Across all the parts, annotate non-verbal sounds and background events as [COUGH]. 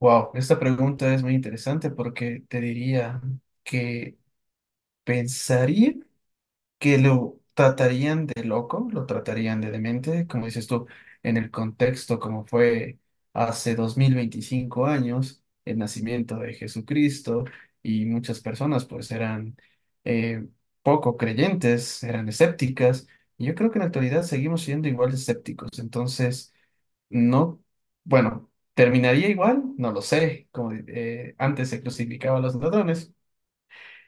Wow, esta pregunta es muy interesante porque te diría que pensaría que lo tratarían de loco, lo tratarían de demente, como dices tú, en el contexto como fue hace 2025 años, el nacimiento de Jesucristo y muchas personas pues eran eh, poco creyentes, eran escépticas. Y yo creo que en la actualidad seguimos siendo igual de escépticos. Entonces, no, bueno, ¿terminaría igual? No lo sé. Como antes se crucificaba a los ladrones.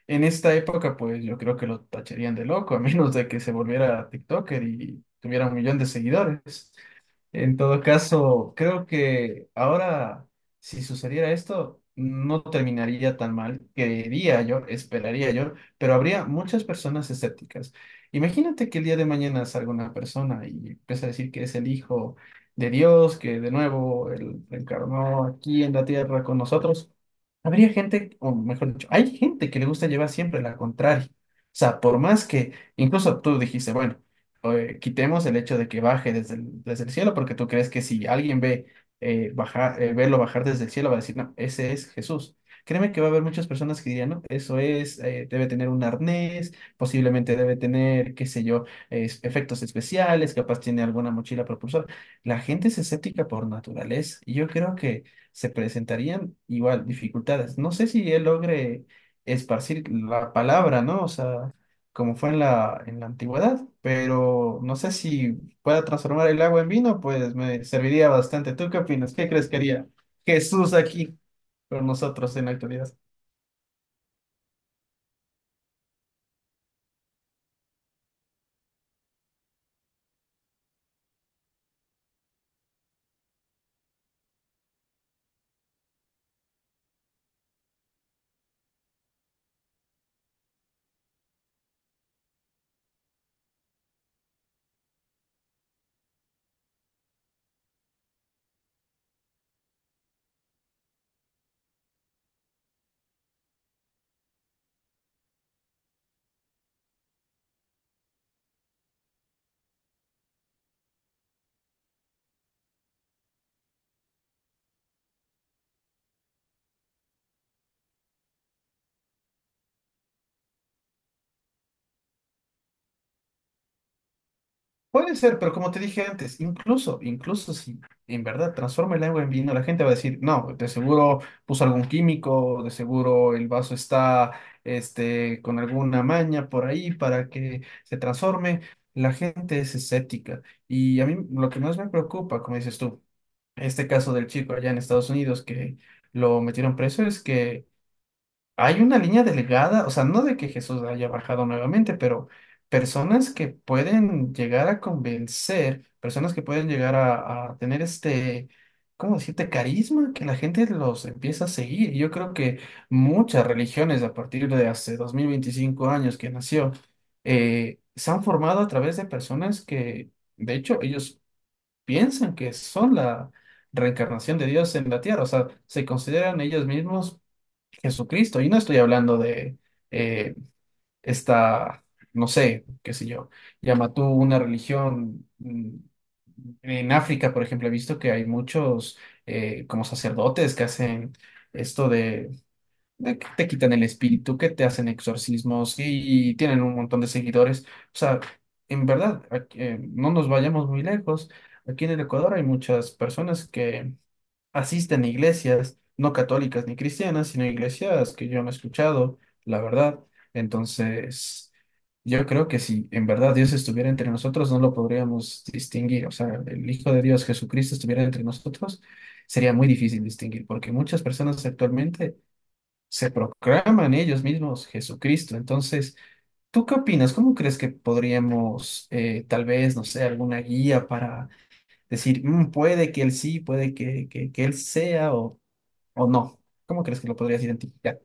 En esta época, pues yo creo que lo tacharían de loco, a menos de que se volviera TikToker y tuviera un millón de seguidores. En todo caso, creo que ahora, si sucediera esto, no terminaría tan mal, quería yo, esperaría yo, pero habría muchas personas escépticas. Imagínate que el día de mañana salga una persona y empieza a decir que es el hijo de Dios, que de nuevo él encarnó aquí en la tierra con nosotros. Habría gente, o mejor dicho, hay gente que le gusta llevar siempre la contraria. O sea, por más que, incluso tú dijiste, bueno, quitemos el hecho de que baje desde el cielo, porque tú crees que si alguien ve verlo bajar desde el cielo, va a decir, no, ese es Jesús. Créeme que va a haber muchas personas que dirían, no, eso es, debe tener un arnés, posiblemente debe tener, qué sé yo, efectos especiales, capaz tiene alguna mochila propulsora. La gente es escéptica por naturaleza y yo creo que se presentarían igual dificultades. No sé si él logre esparcir la palabra, ¿no? O sea, como fue en la antigüedad, pero no sé si pueda transformar el agua en vino, pues me serviría bastante. ¿Tú qué opinas? ¿Qué crees que haría Jesús aquí con nosotros en la actualidad? Puede ser, pero como te dije antes, incluso si en verdad transforma el agua en vino, la gente va a decir, no, de seguro puso algún químico, de seguro el vaso está, con alguna maña por ahí para que se transforme. La gente es escéptica y a mí lo que más me preocupa, como dices tú, este caso del chico allá en Estados Unidos que lo metieron preso es que hay una línea delgada, o sea, no de que Jesús haya bajado nuevamente, pero personas que pueden llegar a convencer, personas que pueden llegar a tener ¿cómo decirte?, carisma, que la gente los empieza a seguir. Y yo creo que muchas religiones a partir de hace 2025 años que nació, se han formado a través de personas que... De hecho, ellos piensan que son la reencarnación de Dios en la tierra, o sea, se consideran ellos mismos Jesucristo. Y no estoy hablando de, eh, esta, no sé, qué sé yo, llama tú una religión. En África, por ejemplo, he visto que hay muchos como sacerdotes que hacen esto de que te quitan el espíritu, que te hacen exorcismos y tienen un montón de seguidores. O sea, en verdad, no nos vayamos muy lejos. Aquí en el Ecuador hay muchas personas que asisten a iglesias, no católicas ni cristianas, sino iglesias que yo no he escuchado, la verdad. Entonces, yo creo que si en verdad Dios estuviera entre nosotros, no lo podríamos distinguir. O sea, el Hijo de Dios Jesucristo estuviera entre nosotros, sería muy difícil distinguir, porque muchas personas actualmente se proclaman ellos mismos Jesucristo. Entonces, ¿tú qué opinas? ¿Cómo crees que podríamos, tal vez, no sé, alguna guía para decir, "Mm, puede que él sí, puede que él sea, o no"? ¿Cómo crees que lo podrías identificar?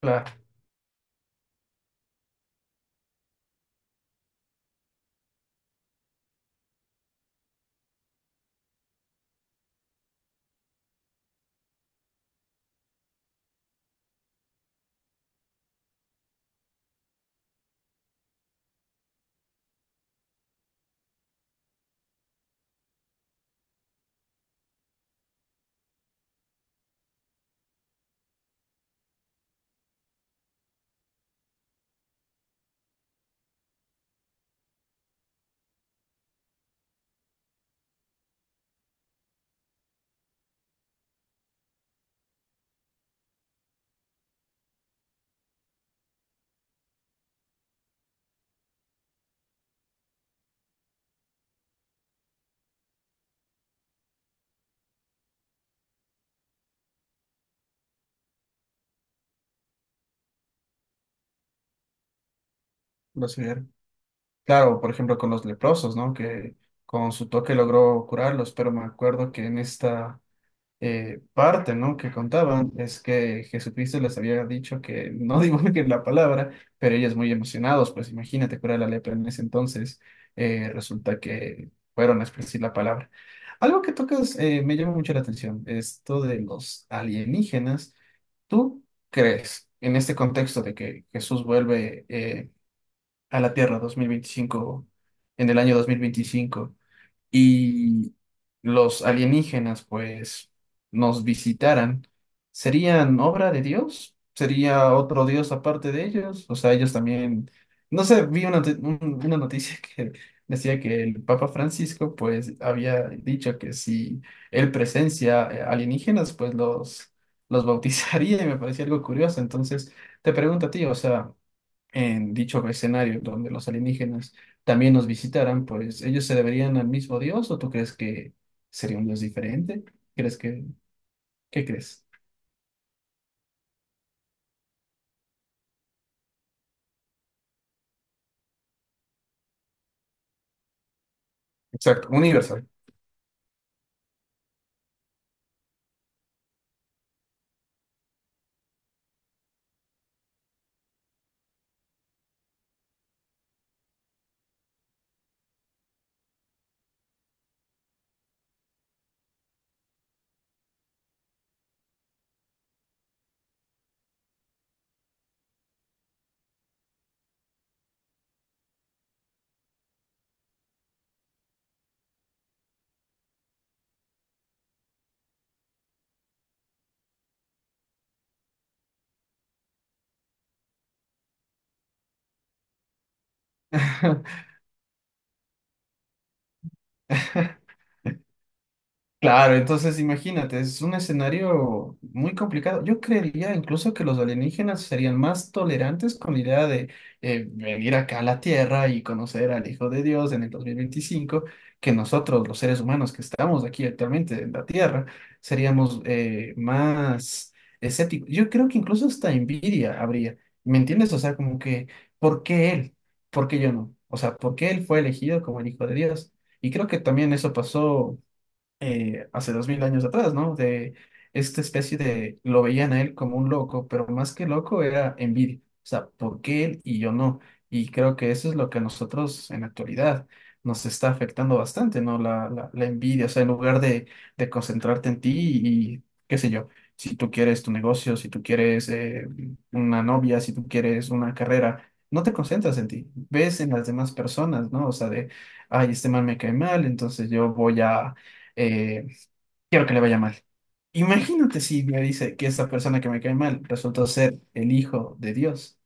Claro, los primeros. Claro, por ejemplo, con los leprosos, ¿no? Que con su toque logró curarlos, pero me acuerdo que en esta parte, ¿no?, que contaban es que Jesucristo les había dicho que no [LAUGHS] divulguen la palabra, pero ellos muy emocionados, pues imagínate curar la lepra en ese entonces, resulta que fueron a esparcir la palabra. Algo que tocas, me llama mucho la atención, esto de los alienígenas. ¿Tú crees en este contexto de que Jesús vuelve a la Tierra 2025, en el año 2025, y los alienígenas pues nos visitaran, serían obra de Dios? ¿Sería otro Dios aparte de ellos? O sea, ellos también, no sé, vi una noticia [LAUGHS] que decía que el Papa Francisco pues había dicho que si él presencia alienígenas, pues los bautizaría, y me parecía algo curioso. Entonces, te pregunto a ti, o sea, en dicho escenario donde los alienígenas también nos visitaran, ¿pues ellos se deberían al mismo Dios o tú crees que sería un Dios diferente? ¿Crees que, qué crees? Exacto, universal. [LAUGHS] Claro, entonces imagínate, es un escenario muy complicado. Yo creería incluso que los alienígenas serían más tolerantes con la idea de venir acá a la Tierra y conocer al Hijo de Dios en el 2025, que nosotros, los seres humanos que estamos aquí actualmente en la Tierra, seríamos más escépticos. Yo creo que incluso hasta envidia habría, ¿me entiendes? O sea, como que, ¿por qué él? ¿Por qué yo no? O sea, ¿por qué él fue elegido como el Hijo de Dios? Y creo que también eso pasó, hace 2000 años atrás, ¿no? De esta especie de, lo veían a él como un loco, pero más que loco era envidia. O sea, ¿por qué él y yo no? Y creo que eso es lo que a nosotros en la actualidad nos está afectando bastante, ¿no? La envidia, o sea, en lugar de concentrarte en ti y, qué sé yo, si tú quieres tu negocio, si tú quieres una novia, si tú quieres una carrera. No te concentras en ti, ves en las demás personas, ¿no? O sea, de, ay, este man me cae mal, entonces eh, quiero que le vaya mal. Imagínate si me dice que esa persona que me cae mal resultó ser el hijo de Dios.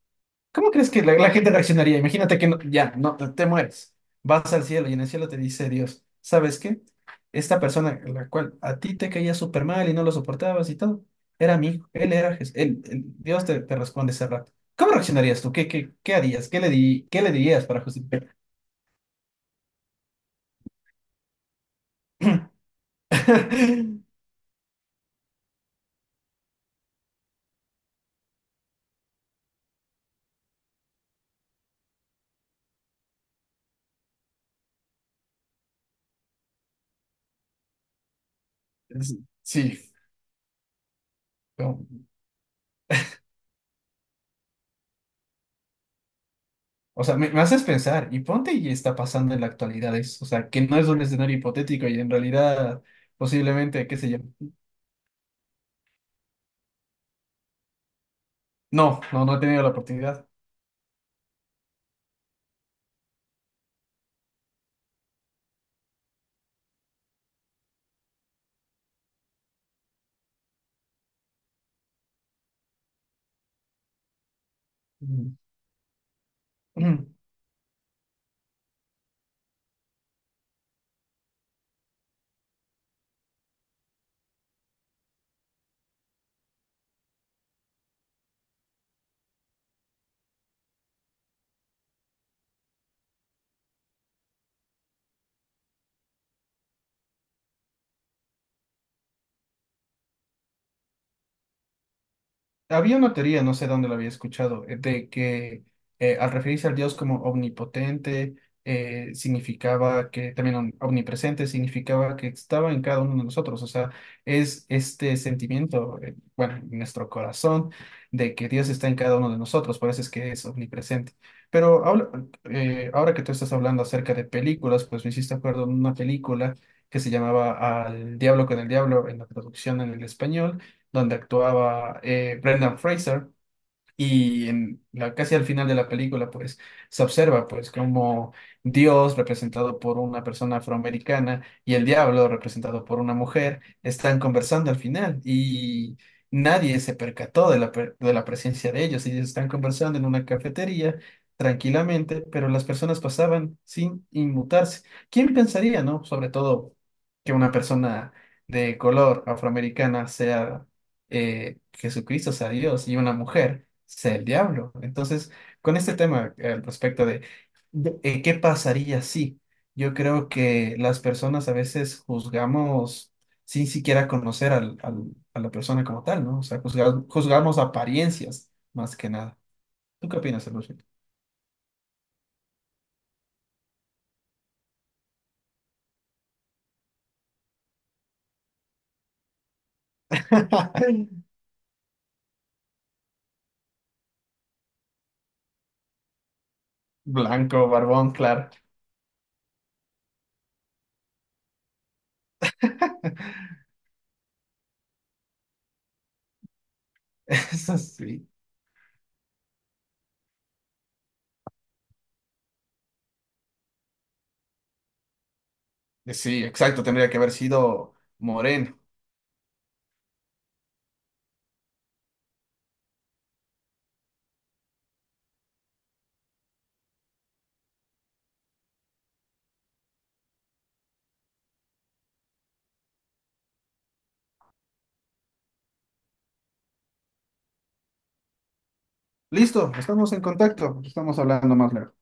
¿Cómo crees que la gente reaccionaría? Imagínate que ya, no, te mueres. Vas al cielo y en el cielo te dice Dios, ¿sabes qué? Esta persona, la cual a ti te caía súper mal y no lo soportabas y todo, era mi hijo, él era Jesús, Dios te responde ese rato. ¿Cómo reaccionarías tú? ¿Qué harías? ¿Qué le dirías para justificar? [CLEARS THROAT] [LAUGHS] Sí, sí. O sea, me haces pensar, y ponte y está pasando en la actualidad eso, o sea, que no es un escenario hipotético y en realidad posiblemente, qué sé yo. No, no, no he tenido la oportunidad. Mm. [CLEARS THROAT] Había una teoría, no sé dónde la había escuchado, de que al referirse al Dios como omnipotente, significaba que también omnipresente, significaba que estaba en cada uno de nosotros. O sea, es este sentimiento, bueno, en nuestro corazón, de que Dios está en cada uno de nosotros, por eso es que es omnipresente. Pero ahora que tú estás hablando acerca de películas, pues me hiciste acuerdo en una película que se llamaba Al Diablo con el Diablo en la traducción en el español, donde actuaba Brendan Fraser. Y casi al final de la película, pues se observa pues como Dios representado por una persona afroamericana y el diablo representado por una mujer están conversando al final, y nadie se percató de la presencia de ellos. Ellos están conversando en una cafetería tranquilamente, pero las personas pasaban sin inmutarse. ¿Quién pensaría, no? Sobre todo que una persona de color afroamericana sea Jesucristo, sea Dios y una mujer sea el diablo. Entonces, con este tema, al respecto qué pasaría si, yo creo que las personas a veces juzgamos sin siquiera conocer a la persona como tal, ¿no? O sea, juzgamos apariencias más que nada. ¿Tú qué opinas, Elushi? [LAUGHS] Blanco, barbón, claro. [LAUGHS] Eso sí. Sí, exacto, tendría que haber sido moreno. Listo, estamos en contacto, estamos hablando más luego.